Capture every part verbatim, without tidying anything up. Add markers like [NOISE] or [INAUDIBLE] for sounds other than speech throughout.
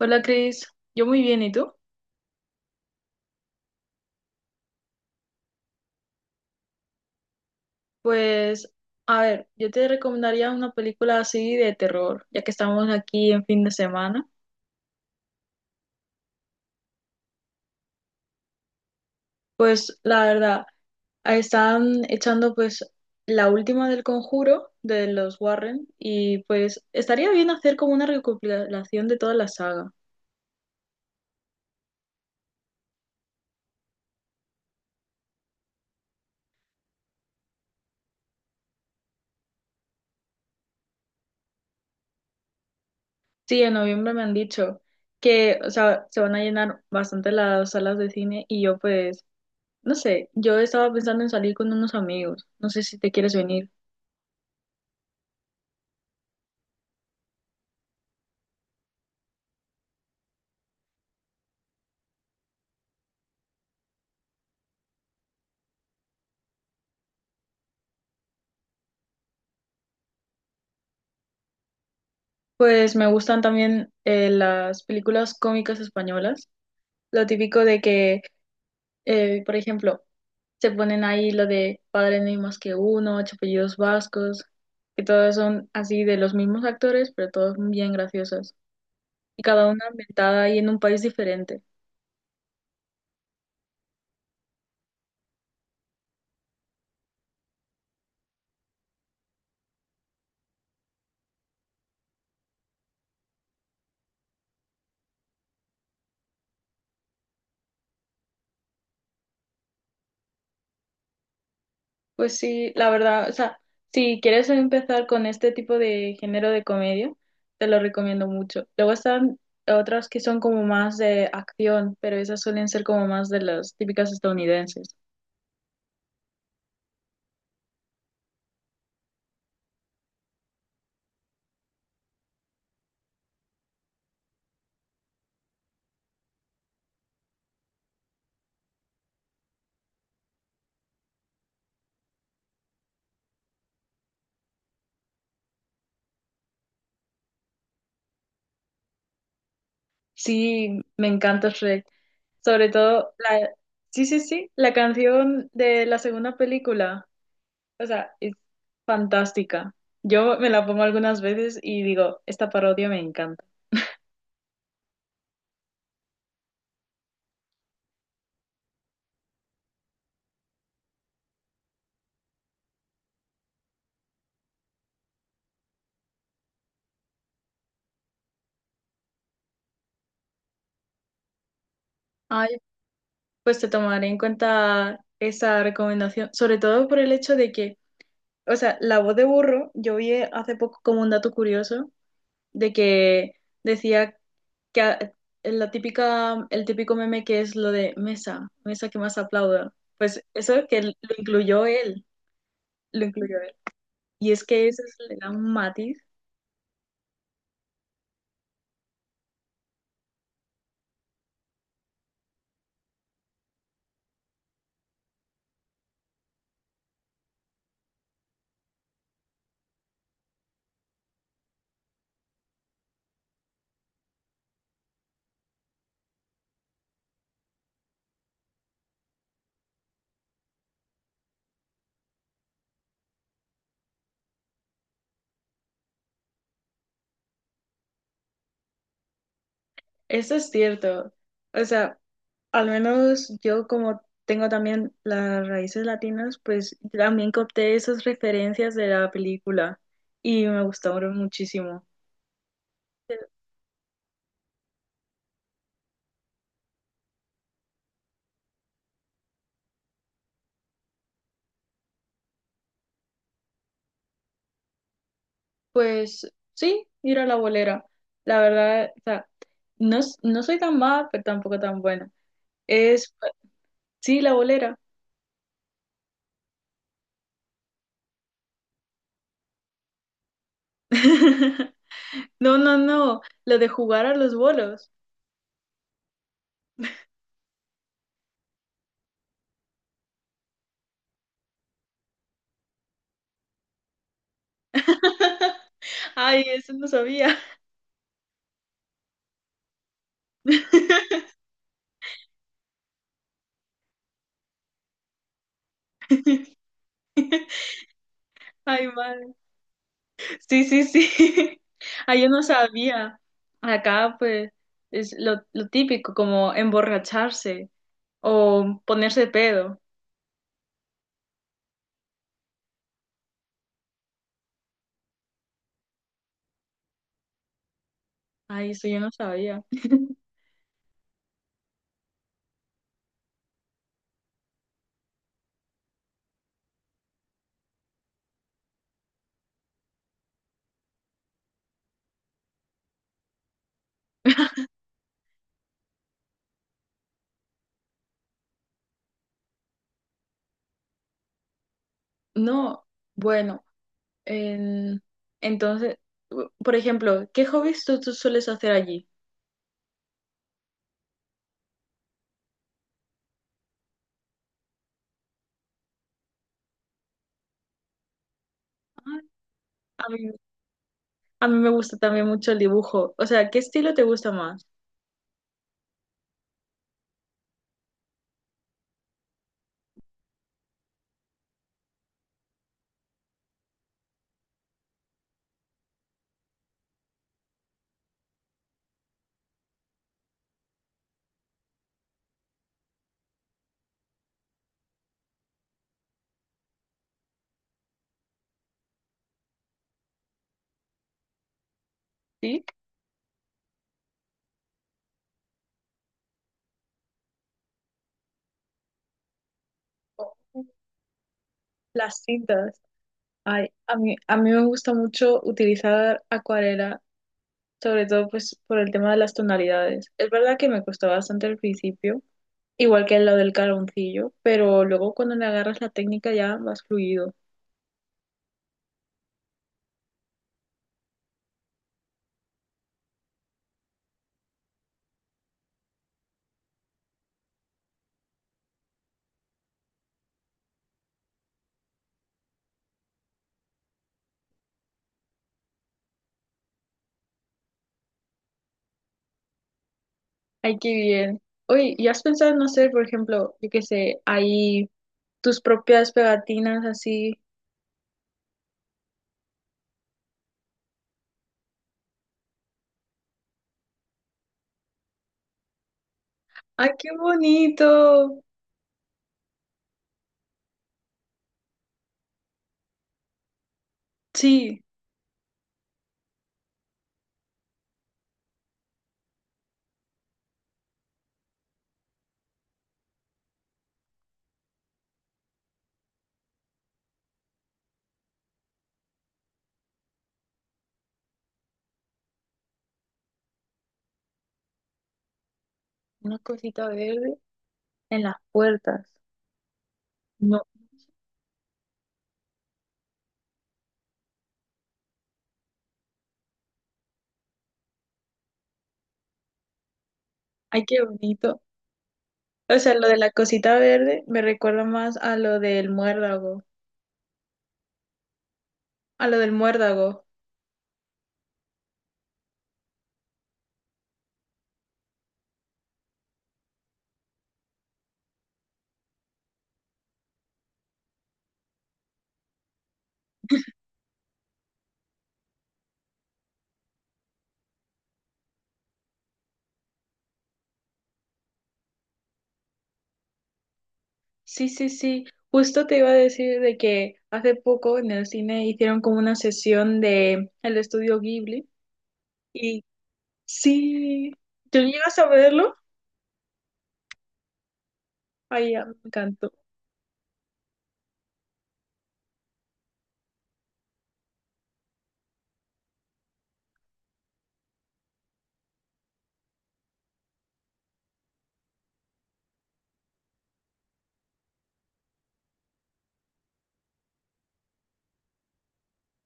Hola Cris, yo muy bien, ¿y tú? Pues, a ver, yo te recomendaría una película así de terror, ya que estamos aquí en fin de semana. Pues, la verdad, ahí están echando pues la última del Conjuro de los Warren y pues estaría bien hacer como una recopilación de toda la saga. Sí, en noviembre me han dicho que, o sea, se van a llenar bastante las salas de cine y yo pues, no sé, yo estaba pensando en salir con unos amigos, no sé si te quieres venir. Pues me gustan también eh, las películas cómicas españolas. Lo típico de que, eh, por ejemplo, se ponen ahí lo de Padre no hay más que uno, Ocho apellidos vascos, que todas son así de los mismos actores, pero todas bien graciosas. Y cada una ambientada ahí en un país diferente. Pues sí, la verdad, o sea, si quieres empezar con este tipo de género de comedia, te lo recomiendo mucho. Luego están otras que son como más de acción, pero esas suelen ser como más de las típicas estadounidenses. Sí, me encanta Shrek. Sobre todo la, sí, sí, sí, la canción de la segunda película, o sea, es fantástica. Yo me la pongo algunas veces y digo, esta parodia me encanta. ¡Ay! Pues te tomaré en cuenta esa recomendación, sobre todo por el hecho de que, o sea, la voz de burro, yo vi hace poco como un dato curioso de que decía que a- la típica, el típico meme que es lo de mesa, mesa que más aplauda, pues eso que lo incluyó él, lo incluyó él. Y es que eso es- le da un matiz, eso es cierto, o sea... Al menos yo como tengo también las raíces latinas, pues también capté esas referencias de la película y me gustaron muchísimo. Pues sí, ir a la bolera. La verdad, o sea, no, no soy tan mala, pero tampoco tan buena. Es, sí, la bolera. [LAUGHS] No, no, no, lo de jugar a los bolos. [LAUGHS] Ay, eso no sabía. [LAUGHS] Ay, madre. Sí, sí, sí. [LAUGHS] Ah, yo no sabía. Acá, pues, es lo, lo típico, como emborracharse o ponerse pedo. Ay, eso yo no sabía. [LAUGHS] No, bueno, en- entonces, u- por ejemplo, ¿qué hobbies tú, tú sueles hacer allí? Ah, a mí, a mí me gusta también mucho el dibujo. O sea, ¿qué estilo te gusta más? ¿Sí? Las cintas. Ay, a mí, a mí me gusta mucho utilizar acuarela sobre todo pues por el tema de las tonalidades. Es verdad que me costó bastante al principio, igual que lo del caloncillo, pero luego cuando le agarras la técnica ya vas fluido. Ay, qué bien. Oye, ¿y has pensado en hacer, por ejemplo, yo qué sé, ahí tus propias pegatinas así? ¡Ay, qué bonito! Sí, una cosita verde en las puertas. No, ay, qué bonito. O sea, lo de la cosita verde me recuerda más a lo del muérdago, a lo del muérdago. Sí, sí, sí. Justo te iba a decir de que hace poco en el cine hicieron como una sesión de el estudio Ghibli y sí, ¿tú llegas a verlo? Ay, ya, me encantó.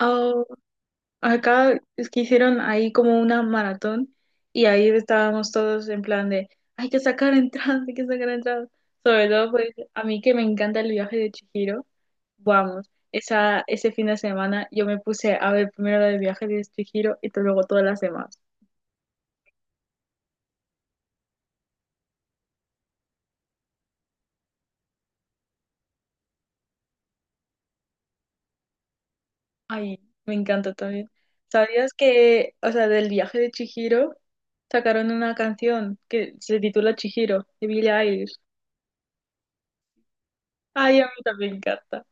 Oh, acá es que hicieron ahí como una maratón y ahí estábamos todos en plan de hay que sacar entradas, hay que sacar entradas. Sobre todo pues a mí que me encanta el viaje de Chihiro. Vamos, esa, ese fin de semana yo me puse a ver primero el viaje de Chihiro y luego todas las demás. Ay, me encanta también. ¿Sabías que, o sea, del viaje de Chihiro sacaron una canción que se titula Chihiro, de Billie Eilish? Ay, a mí también me encanta.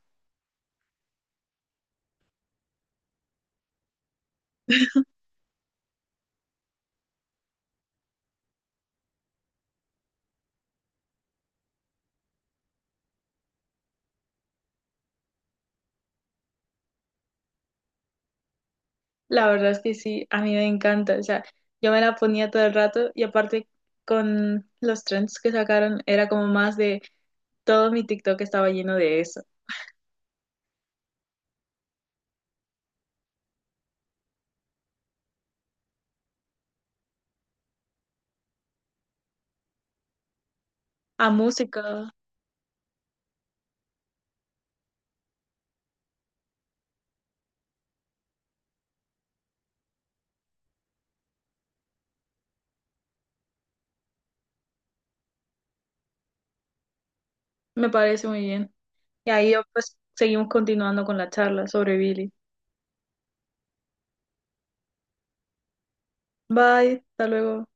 La verdad es que sí, a mí me encanta. O sea, yo me la ponía todo el rato y aparte con los trends que sacaron era como más de todo mi TikTok estaba lleno de eso. A música, me parece muy bien. Y ahí yo, pues seguimos continuando con la charla sobre Billy. Bye, hasta luego.